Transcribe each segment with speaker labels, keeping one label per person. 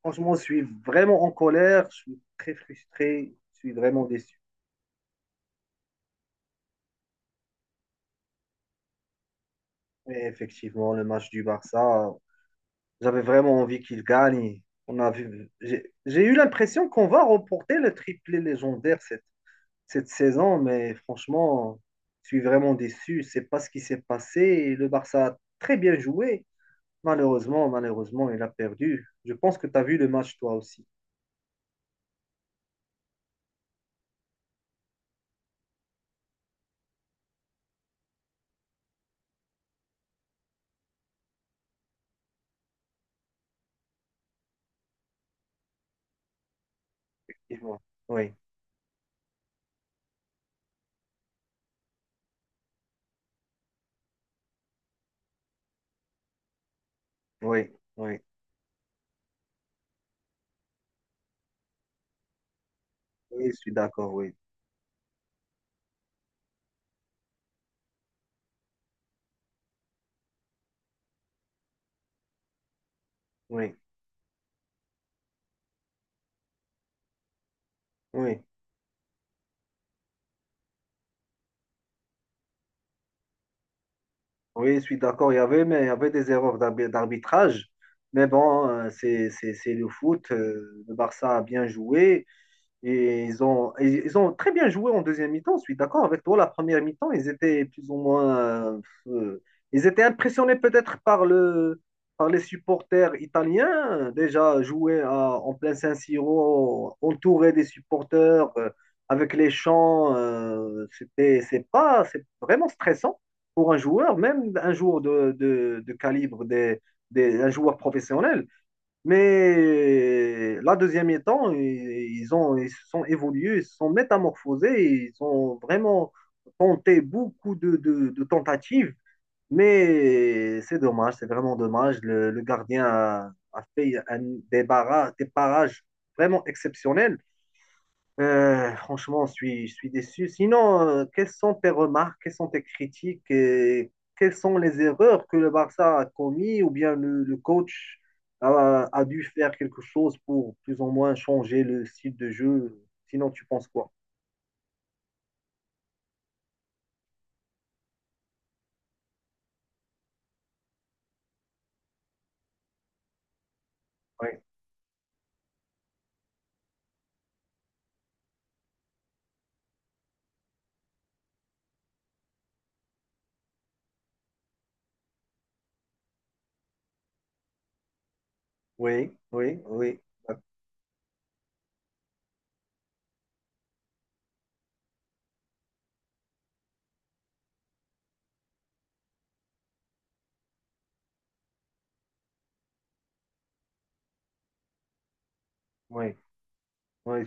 Speaker 1: Franchement, je suis vraiment en colère, je suis très frustré, je suis vraiment déçu. Mais effectivement, le match du Barça, j'avais vraiment envie qu'il gagne. On a vu, j'ai eu l'impression qu'on va remporter le triplé légendaire cette saison, mais franchement, je suis vraiment déçu. C'est pas ce qui s'est passé. Et Le Barça a très bien joué. Malheureusement, malheureusement, il a perdu. Je pense que tu as vu le match toi aussi. Effectivement. Oui, oui, oui. Oui, je suis d'accord, oui. Oui, oui. Oui, je suis d'accord. Il y avait, mais il y avait des erreurs d'arbitrage. Mais bon, c'est le foot. Le Barça a bien joué. Et ils ont très bien joué en deuxième mi-temps, je suis d'accord avec toi. La première mi-temps, ils étaient plus ou moins. euh, Ils étaient impressionnés peut-être par les supporters italiens. Déjà, en plein San-Siro, entouré des supporters, avec les chants, c'est pas, c'est vraiment stressant pour un joueur, même un joueur de calibre un joueur professionnel. Mais la deuxième mi-temps, ils se sont évolués, ils se sont métamorphosés, ils ont vraiment tenté beaucoup de tentatives. Mais c'est dommage, c'est vraiment dommage. Le gardien a fait des, des parages vraiment exceptionnels. Franchement, je suis déçu. Sinon, quelles sont tes remarques, quelles sont tes critiques et quelles sont les erreurs que le Barça a commises ou bien le coach a dû faire quelque chose pour plus ou moins changer le style de jeu? Sinon, tu penses quoi? Oui, oui, oui, oui, oui, oui,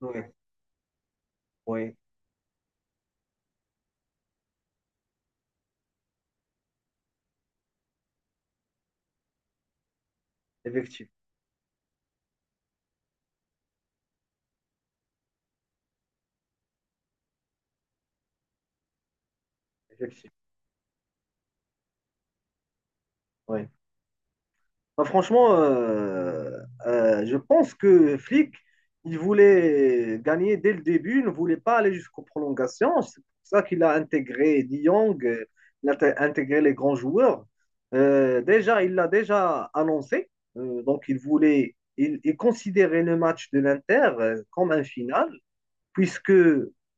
Speaker 1: oui, oui, effectivement, effectivement, oui. Bah, franchement, je pense que Flick, il voulait gagner dès le début, il ne voulait pas aller jusqu'aux prolongations. C'est pour ça qu'il a intégré De Jong, intégré les grands joueurs. Déjà, il l'a déjà annoncé. Donc, il considérait le match de l'Inter comme un final puisque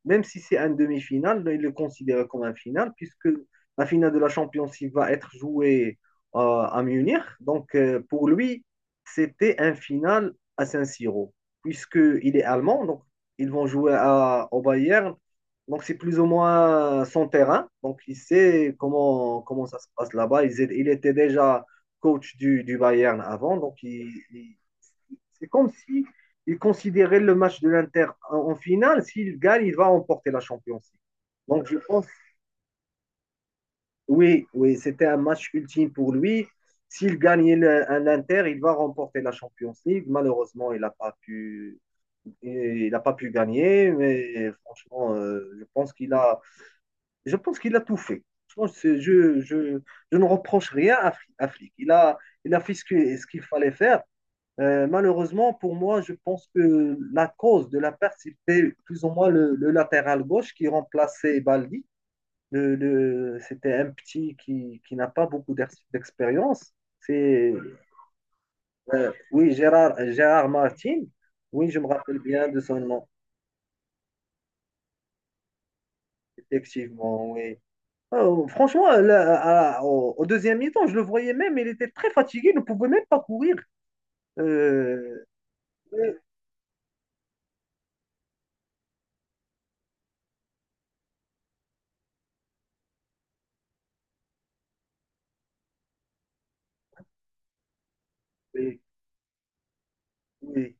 Speaker 1: même si c'est un demi-finale, il le considère comme un final, puisque la finale de la Champions League va être jouée à Munich. Donc, pour lui, c'était un final à Saint-Siro, puisqu'il est allemand, donc ils vont au Bayern. Donc, c'est plus ou moins son terrain. Donc, il sait comment ça se passe là-bas. Il était déjà coach du Bayern avant. Donc, c'est comme si il considérait le match de l'Inter en finale. S'il gagne, il va remporter la Champions League. Donc, je pense, oui, oui, c'était un match ultime pour lui. S'il gagnait l'Inter, il va remporter la Champions League. Malheureusement, il n'a pas pu gagner. Mais franchement, je pense qu'il a tout fait. Je, je, je, je ne reproche rien à, Flick. Il a fait ce qu'il fallait faire. Malheureusement, pour moi, je pense que la cause de la perte, c'était plus ou moins le latéral gauche qui remplaçait Baldi. C'était un petit qui n'a pas beaucoup d'expérience. C'est, oui, Gérard Martin. Oui, je me rappelle bien de son nom, effectivement, oui. Franchement, là, au deuxième mi-temps, je le voyais même, il était très fatigué, il ne pouvait même pas courir. Euh, oui, oui, oui.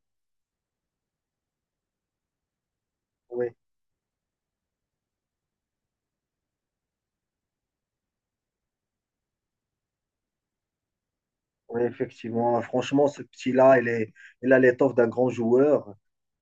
Speaker 1: Oui. Oui, effectivement. Franchement, ce petit-là, il a l'étoffe d'un grand joueur.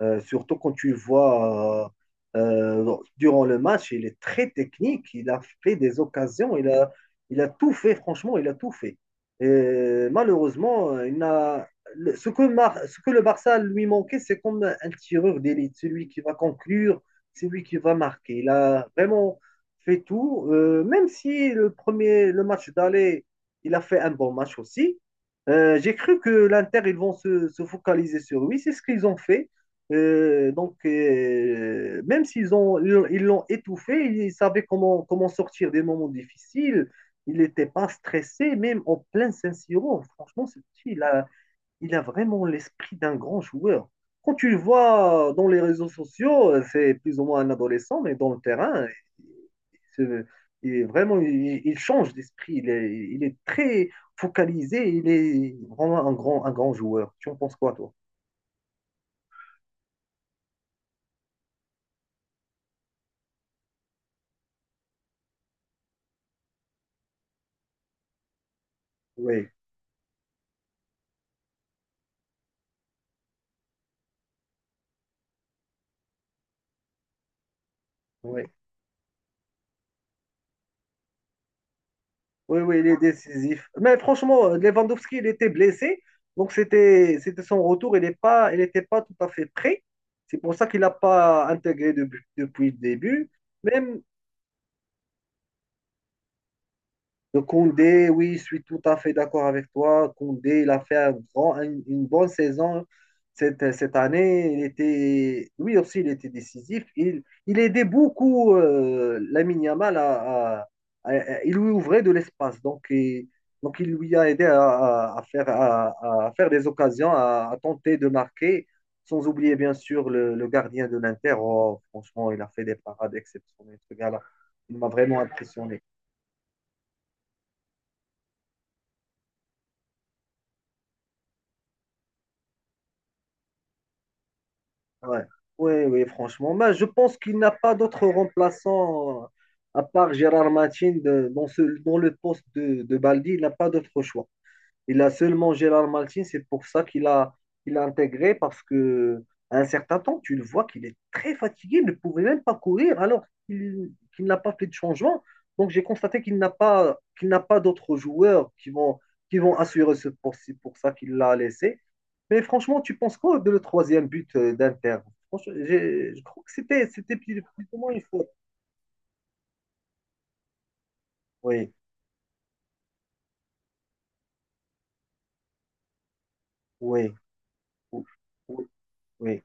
Speaker 1: Surtout quand tu le vois durant le match, il est très technique. Il a fait des occasions. Il a tout fait. Franchement, il a tout fait. Et malheureusement, il n'a, le- ce que, ce que le Barça lui manquait, c'est comme un tireur d'élite. Celui qui va conclure, celui qui va marquer. Il a vraiment fait tout. Même si le match d'aller, il a fait un bon match aussi. J'ai cru que l'Inter, ils vont se focaliser sur lui. C'est ce qu'ils ont fait. Donc, même s'ils ont, ils l'ont étouffé, ils savaient comment sortir des moments difficiles. Il n'était pas stressé, même en plein Saint-Siro. Franchement, ce petit, il a vraiment l'esprit d'un grand joueur. Quand tu le vois dans les réseaux sociaux, c'est plus ou moins un adolescent, mais dans le terrain, c'est- il est vraiment, il change d'esprit. Il est très focalisé. Il est vraiment un grand joueur. Tu en penses quoi, toi? Oui, oui, oui, oui, il est décisif. Mais franchement, Lewandowski, il était blessé. Donc, c'était son retour. Il n'était pas tout à fait prêt. C'est pour ça qu'il n'a pas depuis le début. Même, De Koundé, oui, je suis tout à fait d'accord avec toi. Koundé, il a fait une bonne saison cette année. Il était, lui aussi, il était décisif. Il aidait beaucoup Lamine Yamal Il lui ouvrait de l'espace. Donc, il lui a aidé à à faire des occasions, à tenter de marquer. Sans oublier, bien sûr, le gardien de l'Inter. Oh, franchement, il a fait des parades exceptionnelles, ce gars-là. Il m'a vraiment impressionné. Ouais. Oui, oui, franchement. Mais je pense qu'il n'a pas d'autre remplaçant, à part Gérard Martin, dans le poste de Baldi, il n'a pas d'autre choix. Il a seulement Gérard Maltin, c'est pour ça il a intégré, parce que à un certain temps, tu le vois qu'il est très fatigué, il ne pouvait même pas courir, alors qu'il n'a pas fait de changement. Donc j'ai constaté qu'il n'a pas d'autres joueurs qui vont assurer ce poste. C'est pour ça qu'il l'a laissé. Mais franchement, tu penses quoi de le troisième but d'Inter? Franchement, je crois que c'était plus ou moins une faute. Oui, oui, oui, oui. Oui.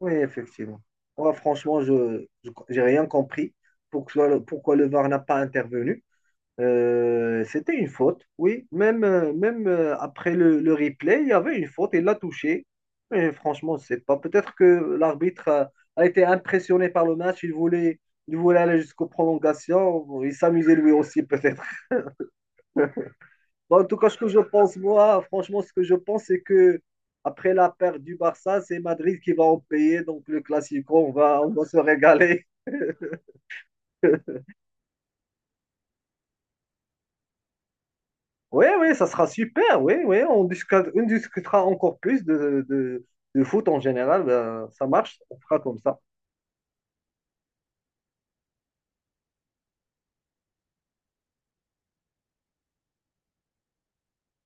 Speaker 1: Oui, effectivement. Moi, franchement, je n'ai rien compris pourquoi, pourquoi le VAR n'a pas intervenu. C'était une faute, oui. Même, même après le replay, il y avait une faute, il l'a touché. Mais franchement, je sais pas. Peut-être que l'arbitre a été impressionné par le match, il voulait aller jusqu'aux prolongations, il s'amusait lui aussi peut-être. Bon, en tout cas, ce que je pense, moi, franchement, ce que je pense, c'est que après la perte du Barça, c'est Madrid qui va en payer. Donc, le Classico, on va se régaler. Oui, oui, ça sera super. Oui, oui, on discutera encore plus de foot en général. Ben, ça marche, on fera comme ça.